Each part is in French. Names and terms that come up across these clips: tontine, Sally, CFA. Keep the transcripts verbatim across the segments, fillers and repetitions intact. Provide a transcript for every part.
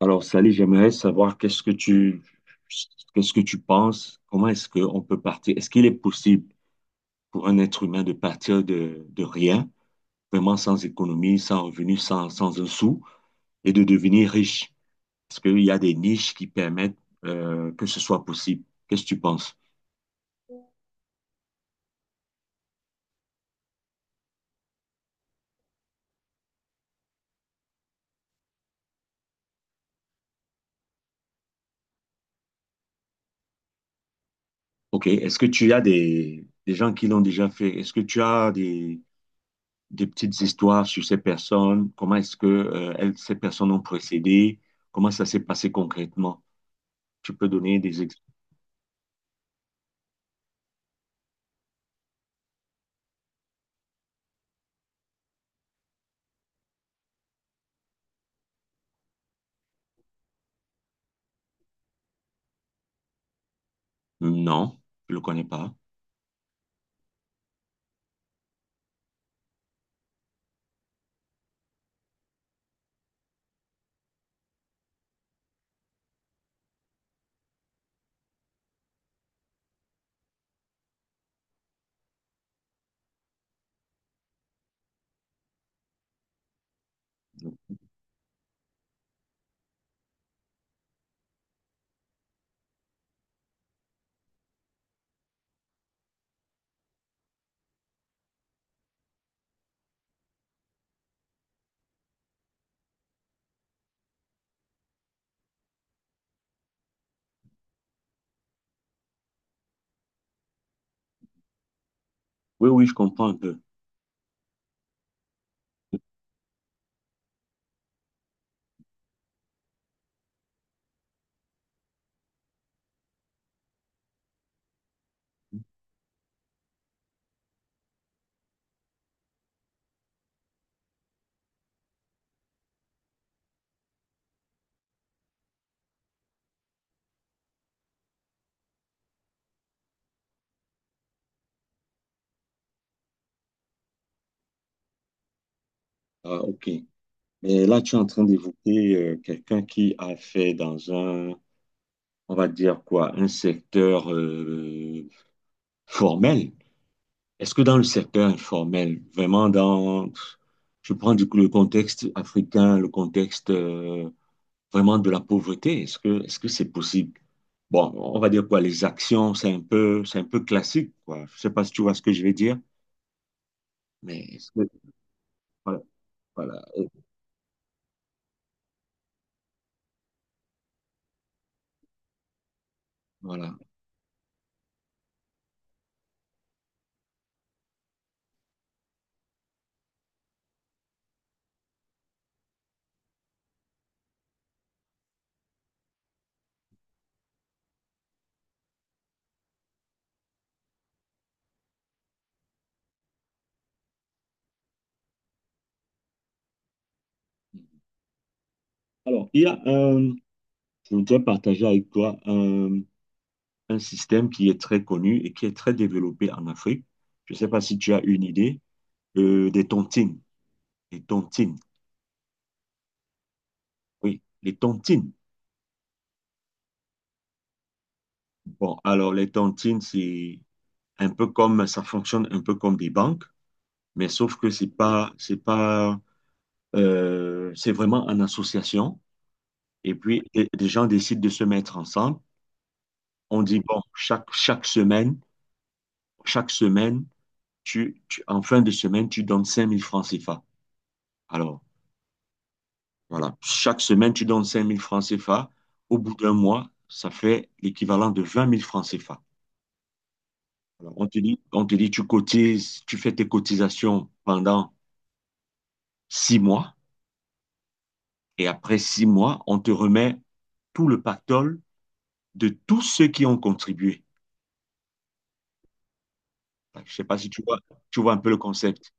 Alors, Sally, j'aimerais savoir qu'est-ce que tu, qu'est-ce que tu penses? Comment est-ce qu'on peut partir? Est-ce qu'il est possible pour un être humain de partir de, de rien, vraiment sans économie, sans revenu, sans, sans un sou, et de devenir riche? Est-ce qu'il y a des niches qui permettent euh, que ce soit possible? Qu'est-ce que tu penses? OK. Est-ce que tu as des, des gens qui l'ont déjà fait? Est-ce que tu as des, des petites histoires sur ces personnes? Comment est-ce que euh, elles- ces personnes ont procédé? Comment ça s'est passé concrètement? Tu peux donner des exemples? Non, je ne le connais pas. Oui, oui, je comprends un peu. Ah, ok. Mais là, tu es en train d'évoquer euh, quelqu'un qui a fait dans un, on va dire quoi, un secteur euh, formel. Est-ce que dans le secteur informel, vraiment dans, je prends du coup le contexte africain, le contexte euh, vraiment de la pauvreté, est-ce que, est-ce que c'est possible? Bon, on va dire quoi, les actions, c'est un peu, c'est un peu classique, quoi. Je sais pas si tu vois ce que je vais dire, mais est-ce que, voilà. Voilà. euh, Voilà. Alors, il y a un, je voudrais partager avec toi un, un système qui est très connu et qui est très développé en Afrique. Je ne sais pas si tu as une idée, euh, des tontines. Les tontines, oui, les tontines. Bon, alors les tontines, c'est un peu comme, ça fonctionne un peu comme des banques, mais sauf que c'est pas, c'est pas, euh, c'est vraiment en association. Et puis, des des gens décident de se mettre ensemble. On dit, bon, chaque, chaque semaine, chaque semaine, tu, tu- en fin de semaine, tu donnes cinq mille francs CFA. Alors, voilà, chaque semaine, tu donnes cinq mille francs CFA. Au bout d'un mois, ça fait l'équivalent de vingt mille francs CFA. Alors, on te dit, on te dit, tu cotises, tu fais tes cotisations pendant six mois, et après six mois, on te remet tout le pactole de tous ceux qui ont contribué. Je ne sais pas si tu vois, tu vois un peu le concept.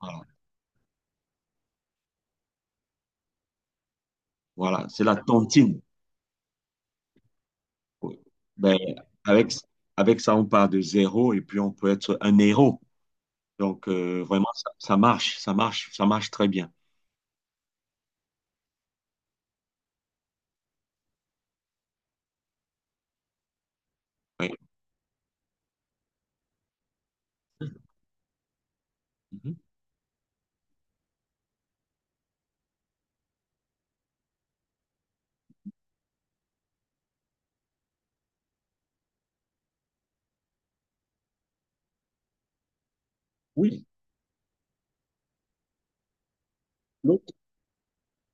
Voilà, voilà, c'est la tontine. Ouais. Ben, avec, avec ça, on part de zéro et puis on peut être un héros. Donc, euh, vraiment, ça, ça marche, ça marche, ça marche très bien. Oui. Mhm. Oui, l'autre-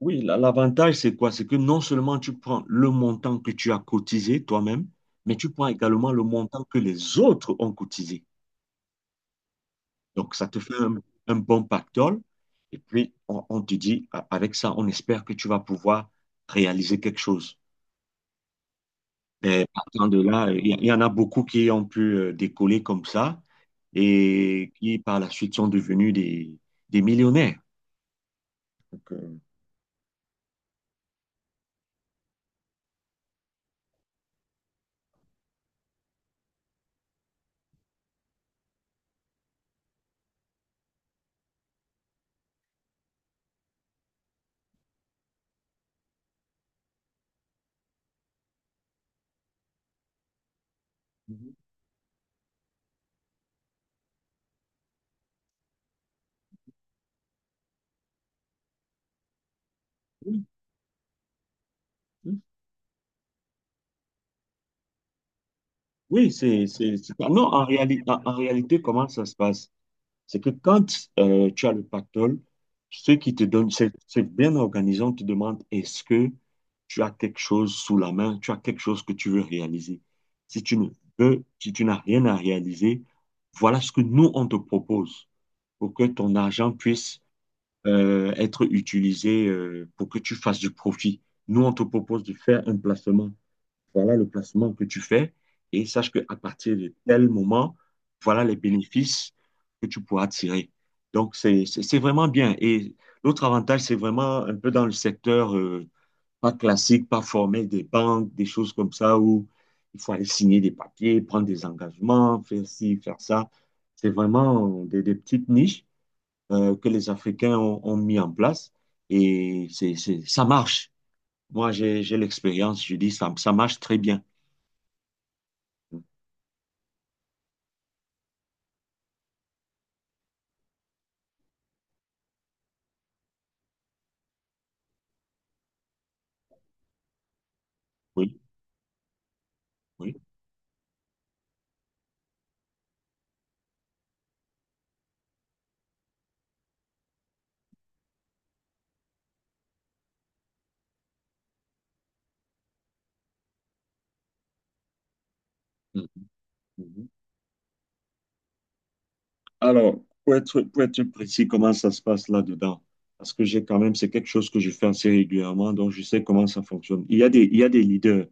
oui, la- l'avantage, c'est quoi? C'est que non seulement tu prends le montant que tu as cotisé toi-même, mais tu prends également le montant que les autres ont cotisé. Donc, ça te fait un, un bon pactole. Et puis, on, on te dit, a- avec ça, on espère que tu vas pouvoir réaliser quelque chose. Mais partant de là, il y, il y en a beaucoup qui ont pu euh, décoller comme ça et qui, par la suite, sont devenus des des millionnaires. Donc, euh, oui, oui. Oui, c'est, c'est, c'est pas- non, en réalité, en, en réalité, comment ça se passe? C'est que quand euh, tu as le pactole, ceux qui te donnent, c'est c'est bien organisé, on te demande est-ce que tu as quelque chose sous la main, tu as quelque chose que tu veux réaliser. Si tu ne veux, si tu n'as rien à réaliser, voilà ce que nous, on te propose pour que ton argent puisse euh, être utilisé euh, pour que tu fasses du profit. Nous, on te propose de faire un placement. Voilà le placement que tu fais et sache qu'à partir de tel moment, voilà les bénéfices que tu pourras tirer. Donc, c'est, c'est c'est vraiment bien. Et l'autre avantage, c'est vraiment un peu dans le secteur euh, pas classique, pas formel des banques, des choses comme ça où il faut aller signer des papiers, prendre des engagements, faire ci, faire ça. C'est vraiment des, des petites niches euh, que les Africains ont, ont mis en place et c'est, c'est, ça marche. Moi, j'ai, j'ai l'expérience, je dis, ça, ça marche très bien. Oui, oui. Mhm, mhm. Alors, pour être, pour être précis, comment ça se passe là-dedans? Parce que j'ai quand même, c'est quelque chose que je fais assez régulièrement, donc je sais comment ça fonctionne. Il y a des, il y a des leaders,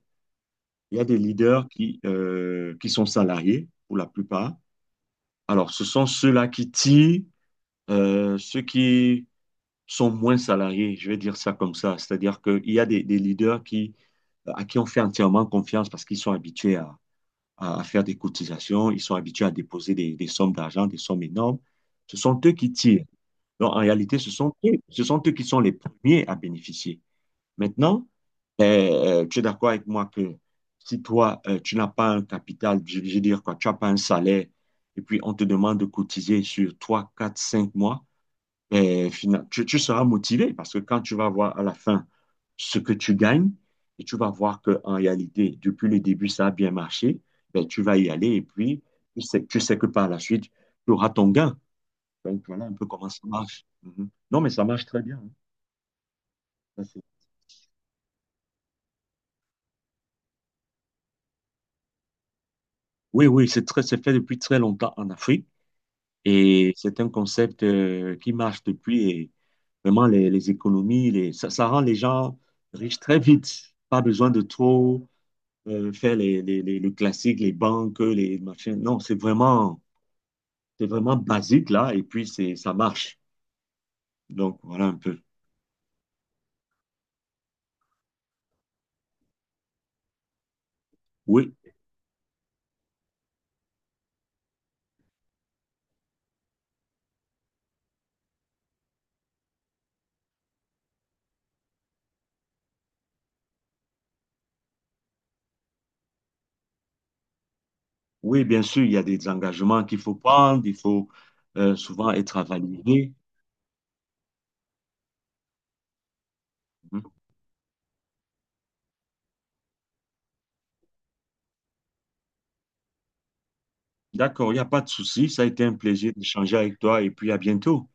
il y a des leaders qui, euh, qui sont salariés pour la plupart. Alors, ce sont ceux-là qui tirent, euh, ceux qui sont moins salariés, je vais dire ça comme ça. C'est-à-dire qu'il y a des, des leaders qui, à qui on fait entièrement confiance parce qu'ils sont habitués à, à faire des cotisations, ils sont habitués à déposer des, des sommes d'argent, des sommes énormes. Ce sont eux qui tirent. Donc, en réalité, ce sont eux, ce sont eux qui sont les premiers à bénéficier. Maintenant, euh, tu es d'accord avec moi que si toi, euh, tu n'as pas un capital, je je veux dire quoi, tu n'as pas un salaire, et puis on te demande de cotiser sur trois, quatre, cinq mois, et fina- tu, tu seras motivé parce que quand tu vas voir à la fin ce que tu gagnes et tu vas voir qu'en réalité, depuis le début, ça a bien marché, ben, tu vas y aller et puis tu sais, tu sais que par la suite, tu auras ton gain. Donc voilà un peu comment ça marche. Mhm. Non, mais ça marche très bien, hein. Ça, c'est- Oui, oui, c'est très, c'est fait depuis très longtemps en Afrique et c'est un concept euh, qui marche depuis et vraiment les, les économies, les, ça, ça rend les gens riches très vite. Pas besoin de trop euh, faire les, les, les, le classique, les banques, les machins. Non, c'est vraiment, c'est vraiment basique là, et puis c'est, ça marche. Donc voilà un peu. Oui, oui, bien sûr, il y a des engagements qu'il faut prendre, il faut euh, souvent être avalisé. Mhm. D'accord, il n'y a pas de souci. Ça a été un plaisir d'échanger avec toi, et puis à bientôt.